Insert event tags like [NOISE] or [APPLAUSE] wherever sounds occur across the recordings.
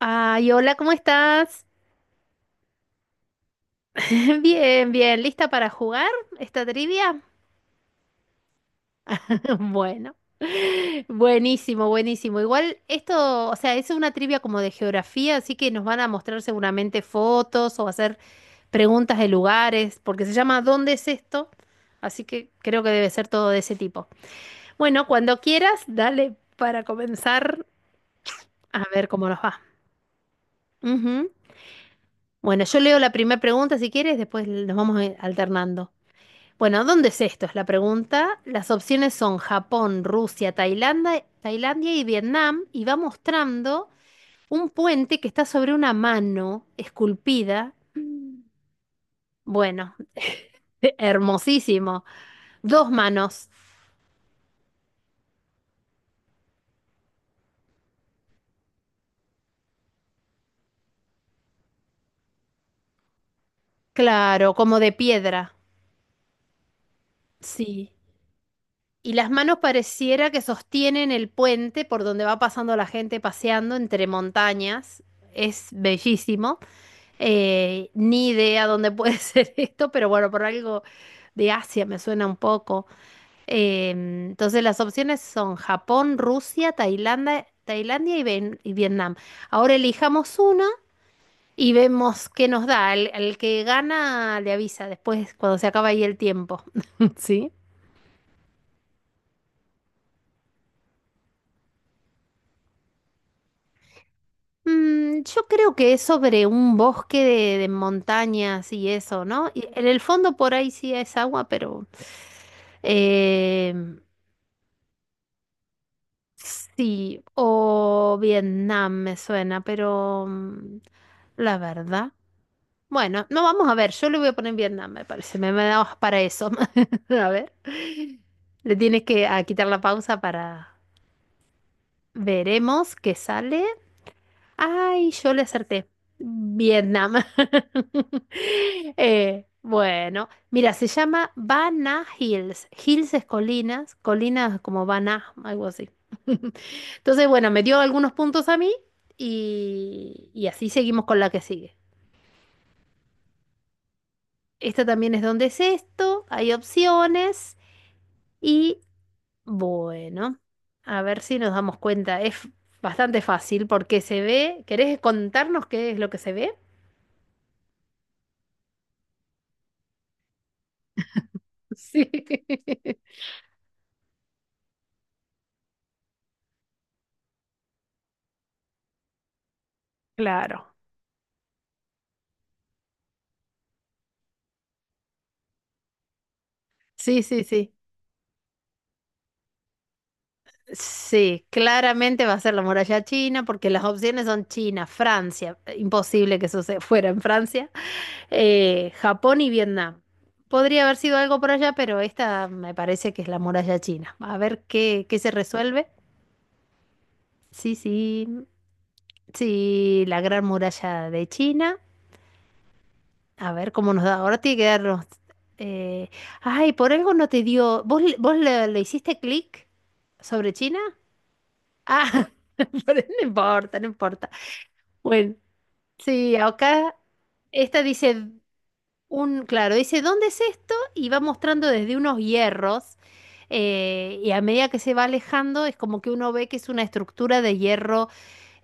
Ay, hola, ¿cómo estás? [LAUGHS] Bien, bien, ¿lista para jugar esta trivia? [LAUGHS] Bueno, buenísimo, buenísimo. Igual esto, o sea, es una trivia como de geografía, así que nos van a mostrar seguramente fotos o hacer preguntas de lugares, porque se llama ¿Dónde es esto? Así que creo que debe ser todo de ese tipo. Bueno, cuando quieras, dale para comenzar a ver cómo nos va. Ujú. Bueno, yo leo la primera pregunta si quieres, después nos vamos alternando. Bueno, ¿dónde es esto? Es la pregunta. Las opciones son Japón, Rusia, Tailandia y Vietnam, y va mostrando un puente que está sobre una mano esculpida. Bueno, [LAUGHS] hermosísimo. Dos manos, claro, como de piedra. Sí. Y las manos pareciera que sostienen el puente por donde va pasando la gente paseando entre montañas. Es bellísimo. Ni idea dónde puede [LAUGHS] ser esto, pero bueno, por algo de Asia me suena un poco. Entonces las opciones son Japón, Rusia, Tailandia y Vietnam. Ahora elijamos una y vemos qué nos da. El que gana le avisa después cuando se acaba ahí el tiempo. [LAUGHS] ¿Sí? Yo creo que es sobre un bosque de montañas y eso, ¿no? Y en el fondo por ahí sí es agua, pero em, sí, o Vietnam me suena, pero la verdad. Bueno, no vamos a ver, yo le voy a poner Vietnam, me parece, me da para eso. [LAUGHS] A ver, le tienes que a quitar la pausa para. Veremos qué sale. Ay, yo le acerté. Vietnam. [LAUGHS] Bueno, mira, se llama Bana Hills. Hills es colinas, colinas como Bana, algo así. [LAUGHS] Entonces, bueno, me dio algunos puntos a mí y así seguimos con la que sigue. Esta también es donde es esto, hay opciones y bueno, a ver si nos damos cuenta. Es bastante fácil porque se ve. ¿Querés contarnos qué es lo que se ve? [LAUGHS] Sí. Claro. Sí, sí, sí. Sí, claramente va a ser la muralla china porque las opciones son China, Francia. Imposible que eso se fuera en Francia. Japón y Vietnam. Podría haber sido algo por allá, pero esta me parece que es la muralla china. A ver qué se resuelve. Sí, sí, sí, la gran muralla de China. A ver cómo nos da. Ahora tiene que darnos. eh, Ay, por algo no te dio. ¿Vos le hiciste clic sobre China? Ah, [LAUGHS] pero no importa, no importa. Bueno, sí, acá esta dice. Claro, dice, ¿dónde es esto? Y va mostrando desde unos hierros. Y a medida que se va alejando, es como que uno ve que es una estructura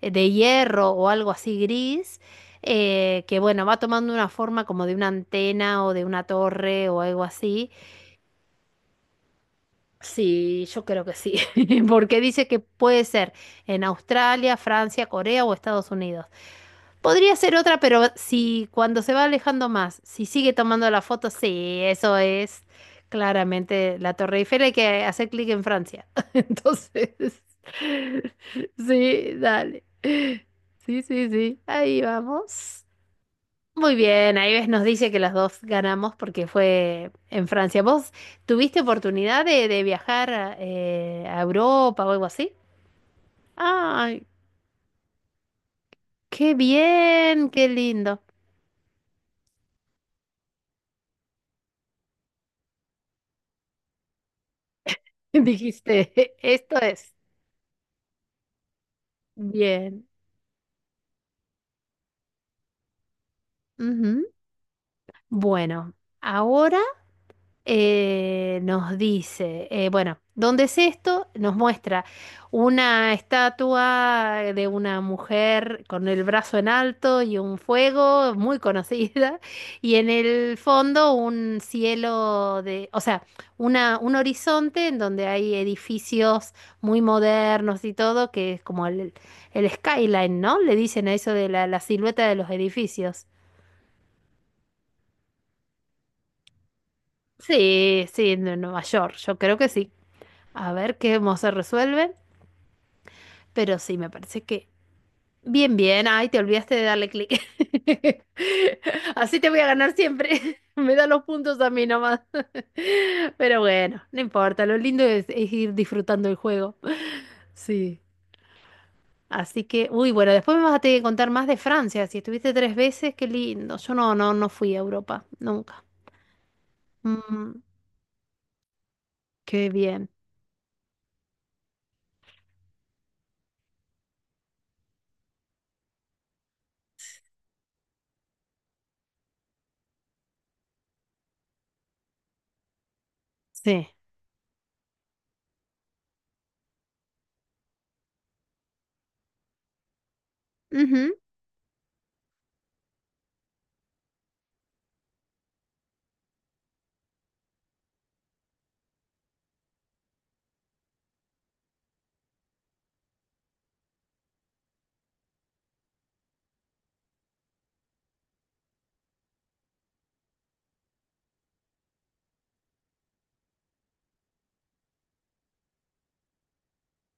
de hierro o algo así gris, que bueno, va tomando una forma como de una antena o de una torre o algo así. Sí, yo creo que sí, [LAUGHS] porque dice que puede ser en Australia, Francia, Corea o Estados Unidos. Podría ser otra, pero si cuando se va alejando más, si sigue tomando la foto, sí, eso es claramente la Torre Eiffel. Hay que hacer clic en Francia. [LAUGHS] Entonces, [LAUGHS] sí, dale. Sí, sí, sí. Ahí vamos. Muy bien, ahí ves, nos dice que las dos ganamos porque fue en Francia. ¿Vos tuviste oportunidad de viajar a Europa o algo así? ¡Ay, qué bien! ¡Qué lindo! [LAUGHS] Dijiste, esto es bien. Ujú. Bueno, ahora, nos dice, bueno, ¿dónde es esto? Nos muestra una estatua de una mujer con el brazo en alto y un fuego muy conocida, [LAUGHS] y en el fondo un cielo de, o sea, una, un horizonte en donde hay edificios muy modernos y todo, que es como el skyline, ¿no? Le dicen a eso de la silueta de los edificios. Sí, sí, en Nueva York, yo creo que sí. A ver cómo se resuelven. Pero sí, me parece que. Bien, bien. Ay, te olvidaste de darle clic. [LAUGHS] Así te voy a ganar siempre. [LAUGHS] Me da los puntos a mí nomás. [LAUGHS] Pero bueno, no importa. Lo lindo es ir disfrutando el juego. [LAUGHS] Sí. Así que, bueno, después me vas a tener que contar más de Francia. Si estuviste tres veces, qué lindo. Yo no, no, no fui a Europa, nunca. Mm, qué bien. Sí. Ujú.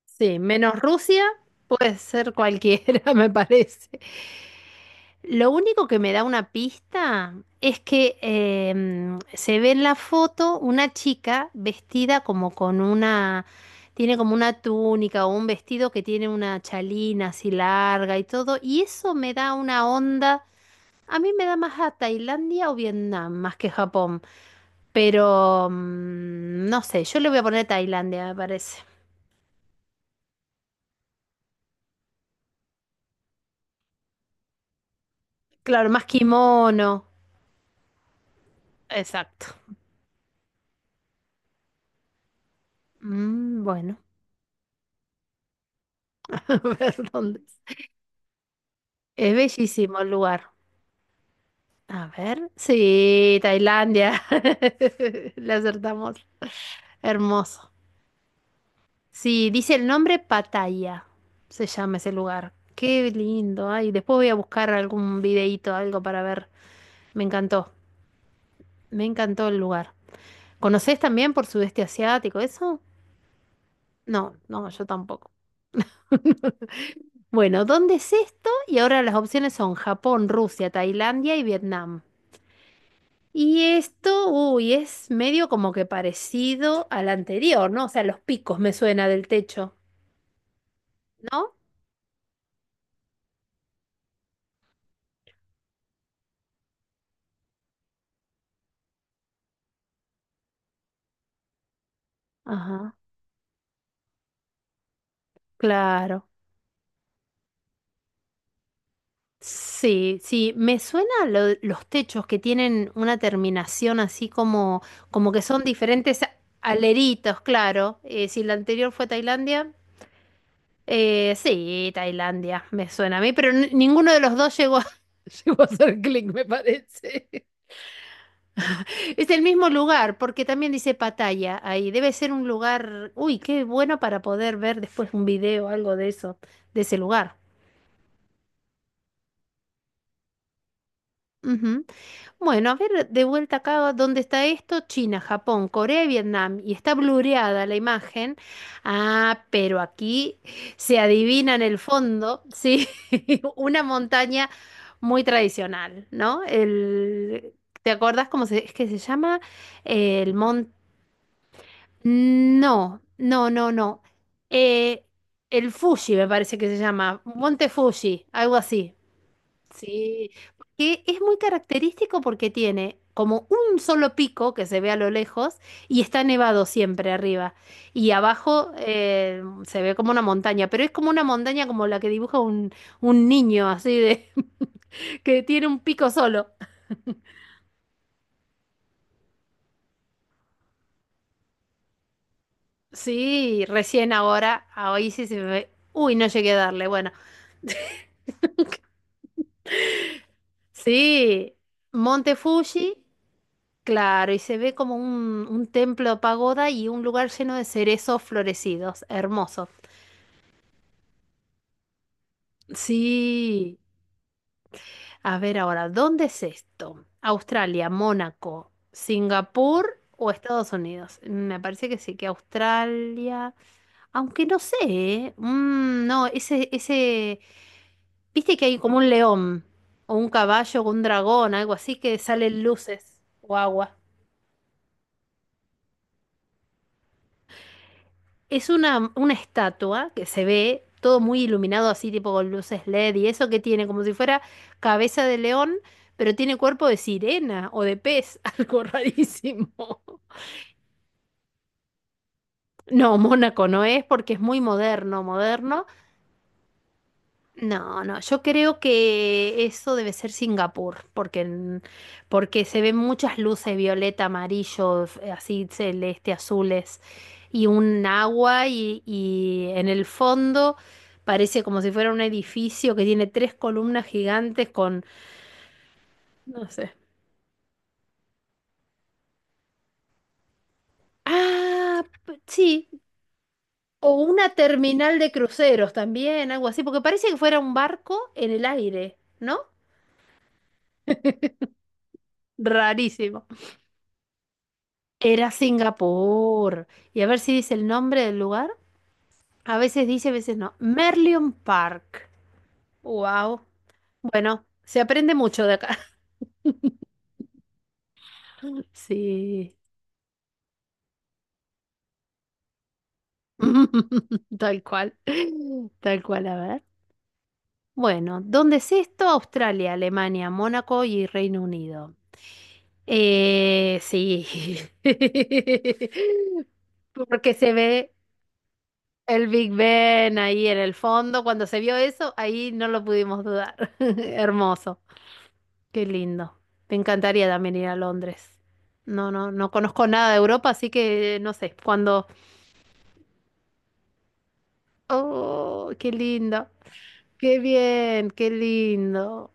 Sí, menos Rusia, puede ser cualquiera, [LAUGHS] me parece. Lo único que me da una pista es que se ve en la foto una chica vestida como con una, tiene como una túnica o un vestido que tiene una chalina así larga y todo, y eso me da una onda, a mí me da más a Tailandia o Vietnam, más que Japón, pero no sé, yo le voy a poner Tailandia, me parece. Claro, más kimono, exacto. Bueno, [LAUGHS] a ver dónde es. Es bellísimo el lugar. A ver. Sí, Tailandia. [LAUGHS] Le acertamos. Hermoso. Sí, dice el nombre Pattaya. Se llama ese lugar. Qué lindo. Ay, después voy a buscar algún videíto, algo para ver. Me encantó. Me encantó el lugar. ¿Conocés también por sudeste asiático eso? No, no, yo tampoco. [LAUGHS] Bueno, ¿dónde es esto? Y ahora las opciones son Japón, Rusia, Tailandia y Vietnam. Y esto, uy, es medio como que parecido al anterior, ¿no? O sea, los picos me suena del techo, ¿no? Ajá, claro. Sí, sí, me suena los techos que tienen una terminación así como, que son diferentes aleritos, claro. Si la anterior fue Tailandia, sí, Tailandia me suena a mí, pero ninguno de los dos llegó a, [LAUGHS] llegó a hacer clic, me parece. Es el mismo lugar, porque también dice Pattaya ahí. Debe ser un lugar, uy, qué bueno para poder ver después un video o algo de eso, de ese lugar. Ujú. Bueno, a ver, de vuelta acá, ¿dónde está esto? China, Japón, Corea y Vietnam. Y está blureada la imagen. Ah, pero aquí se adivina en el fondo, sí, [LAUGHS] una montaña muy tradicional, ¿no? ¿Te acordás cómo es que se llama? El monte. No, no, no, no. Eh, el Fuji me parece que se llama, Monte Fuji, algo así. Sí, que es muy característico porque tiene como un solo pico que se ve a lo lejos y está nevado siempre arriba. Y abajo se ve como una montaña, pero es como una montaña como la que dibuja un niño, así de [LAUGHS] que tiene un pico solo. Sí, recién ahora, hoy sí se me. Uy, no llegué a darle. Bueno. Sí, Monte Fuji, claro, y se ve como un templo pagoda y un lugar lleno de cerezos florecidos, hermoso. Sí, a ver ahora, ¿dónde es esto? ¿Australia, Mónaco, Singapur o Estados Unidos? Me parece que sí, que Australia, aunque no sé, ¿eh? No, viste que hay como un león o un caballo o un dragón, algo así que salen luces o agua. Es una estatua que se ve todo muy iluminado así, tipo con luces LED y eso que tiene, como si fuera cabeza de león, pero tiene cuerpo de sirena o de pez, [LAUGHS] algo rarísimo. No, Mónaco no es porque es muy moderno, moderno. No, no, yo creo que eso debe ser Singapur, porque se ven muchas luces violeta, amarillo, así celeste, azules, y un agua, y en el fondo parece como si fuera un edificio que tiene tres columnas gigantes con, no sé. Ah, sí, o una terminal de cruceros también, algo así, porque parece que fuera un barco en el aire, ¿no? Rarísimo. Era Singapur. Y a ver si dice el nombre del lugar. A veces dice, a veces no. Merlion Park. Wow. Bueno, se aprende mucho de acá. [LAUGHS] Sí. [LAUGHS] Tal cual. Tal cual, a ver. Bueno, ¿dónde es esto? Australia, Alemania, Mónaco y Reino Unido. Sí. [LAUGHS] Porque se ve el Big Ben ahí en el fondo. Cuando se vio eso, ahí no lo pudimos dudar. [LAUGHS] Hermoso. Qué lindo. Me encantaría también ir a Londres. No, no, no conozco nada de Europa, así que no sé. Cuando. Oh, qué lindo. Qué bien, qué lindo.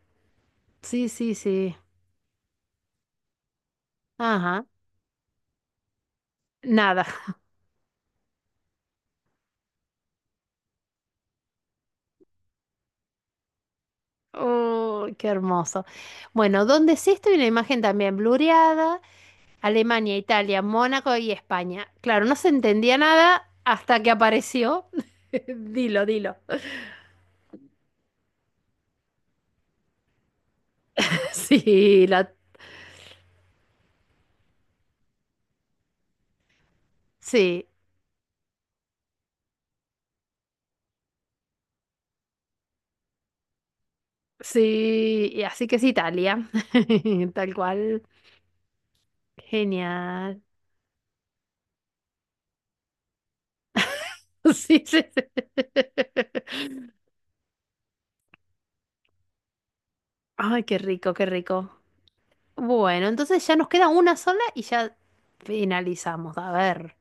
Sí, sí, sí. Ajá. Nada. [LAUGHS] Oh, qué hermoso. Bueno, donde sí estoy una imagen también blureada. Alemania, Italia, Mónaco y España. Claro, no se entendía nada hasta que apareció. [LAUGHS] Dilo, dilo. [LAUGHS] Sí, la. Sí. Sí, y así que es Italia, [LAUGHS] tal cual. Genial. [LAUGHS] Sí, sí, sí. Ay, qué rico, qué rico. Bueno, entonces ya nos queda una sola y ya finalizamos. A ver.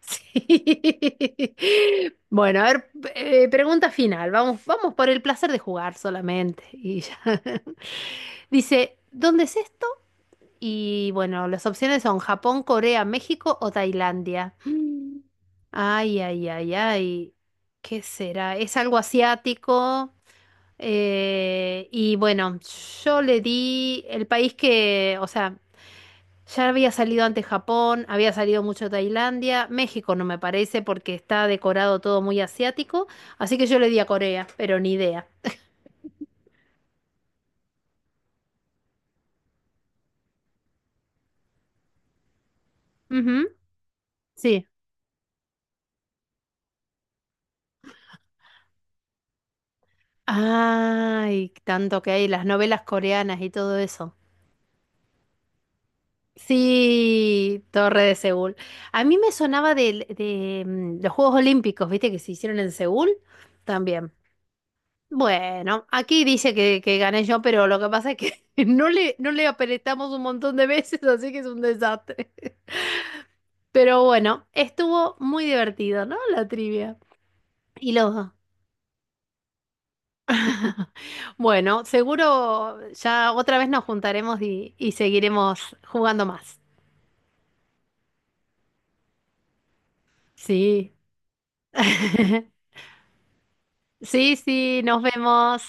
Sí. [LAUGHS] Bueno, a ver, pregunta final. Vamos, vamos por el placer de jugar solamente. Y ya. [LAUGHS] Dice, ¿dónde es esto? Y bueno, las opciones son Japón, Corea, México o Tailandia. Ay, ay, ay, ay. ¿Qué será? Es algo asiático. Y bueno, yo le di el país que, o sea, ya había salido antes Japón, había salido mucho Tailandia, México no me parece porque está decorado todo muy asiático, así que yo le di a Corea, pero ni idea. Ujú, sí. Ay, tanto que hay las novelas coreanas y todo eso. Sí, Torre de Seúl. A mí me sonaba los Juegos Olímpicos, ¿viste? Que se hicieron en Seúl también. Bueno, aquí dice que gané yo, pero lo que pasa es que [LAUGHS] no le apretamos un montón de veces, [LAUGHS] así que es un desastre. Pero bueno, estuvo muy divertido, ¿no? La trivia. Y los. Bueno, seguro ya otra vez nos juntaremos y seguiremos jugando más. Sí. [LAUGHS] Sí, sí, nos vemos.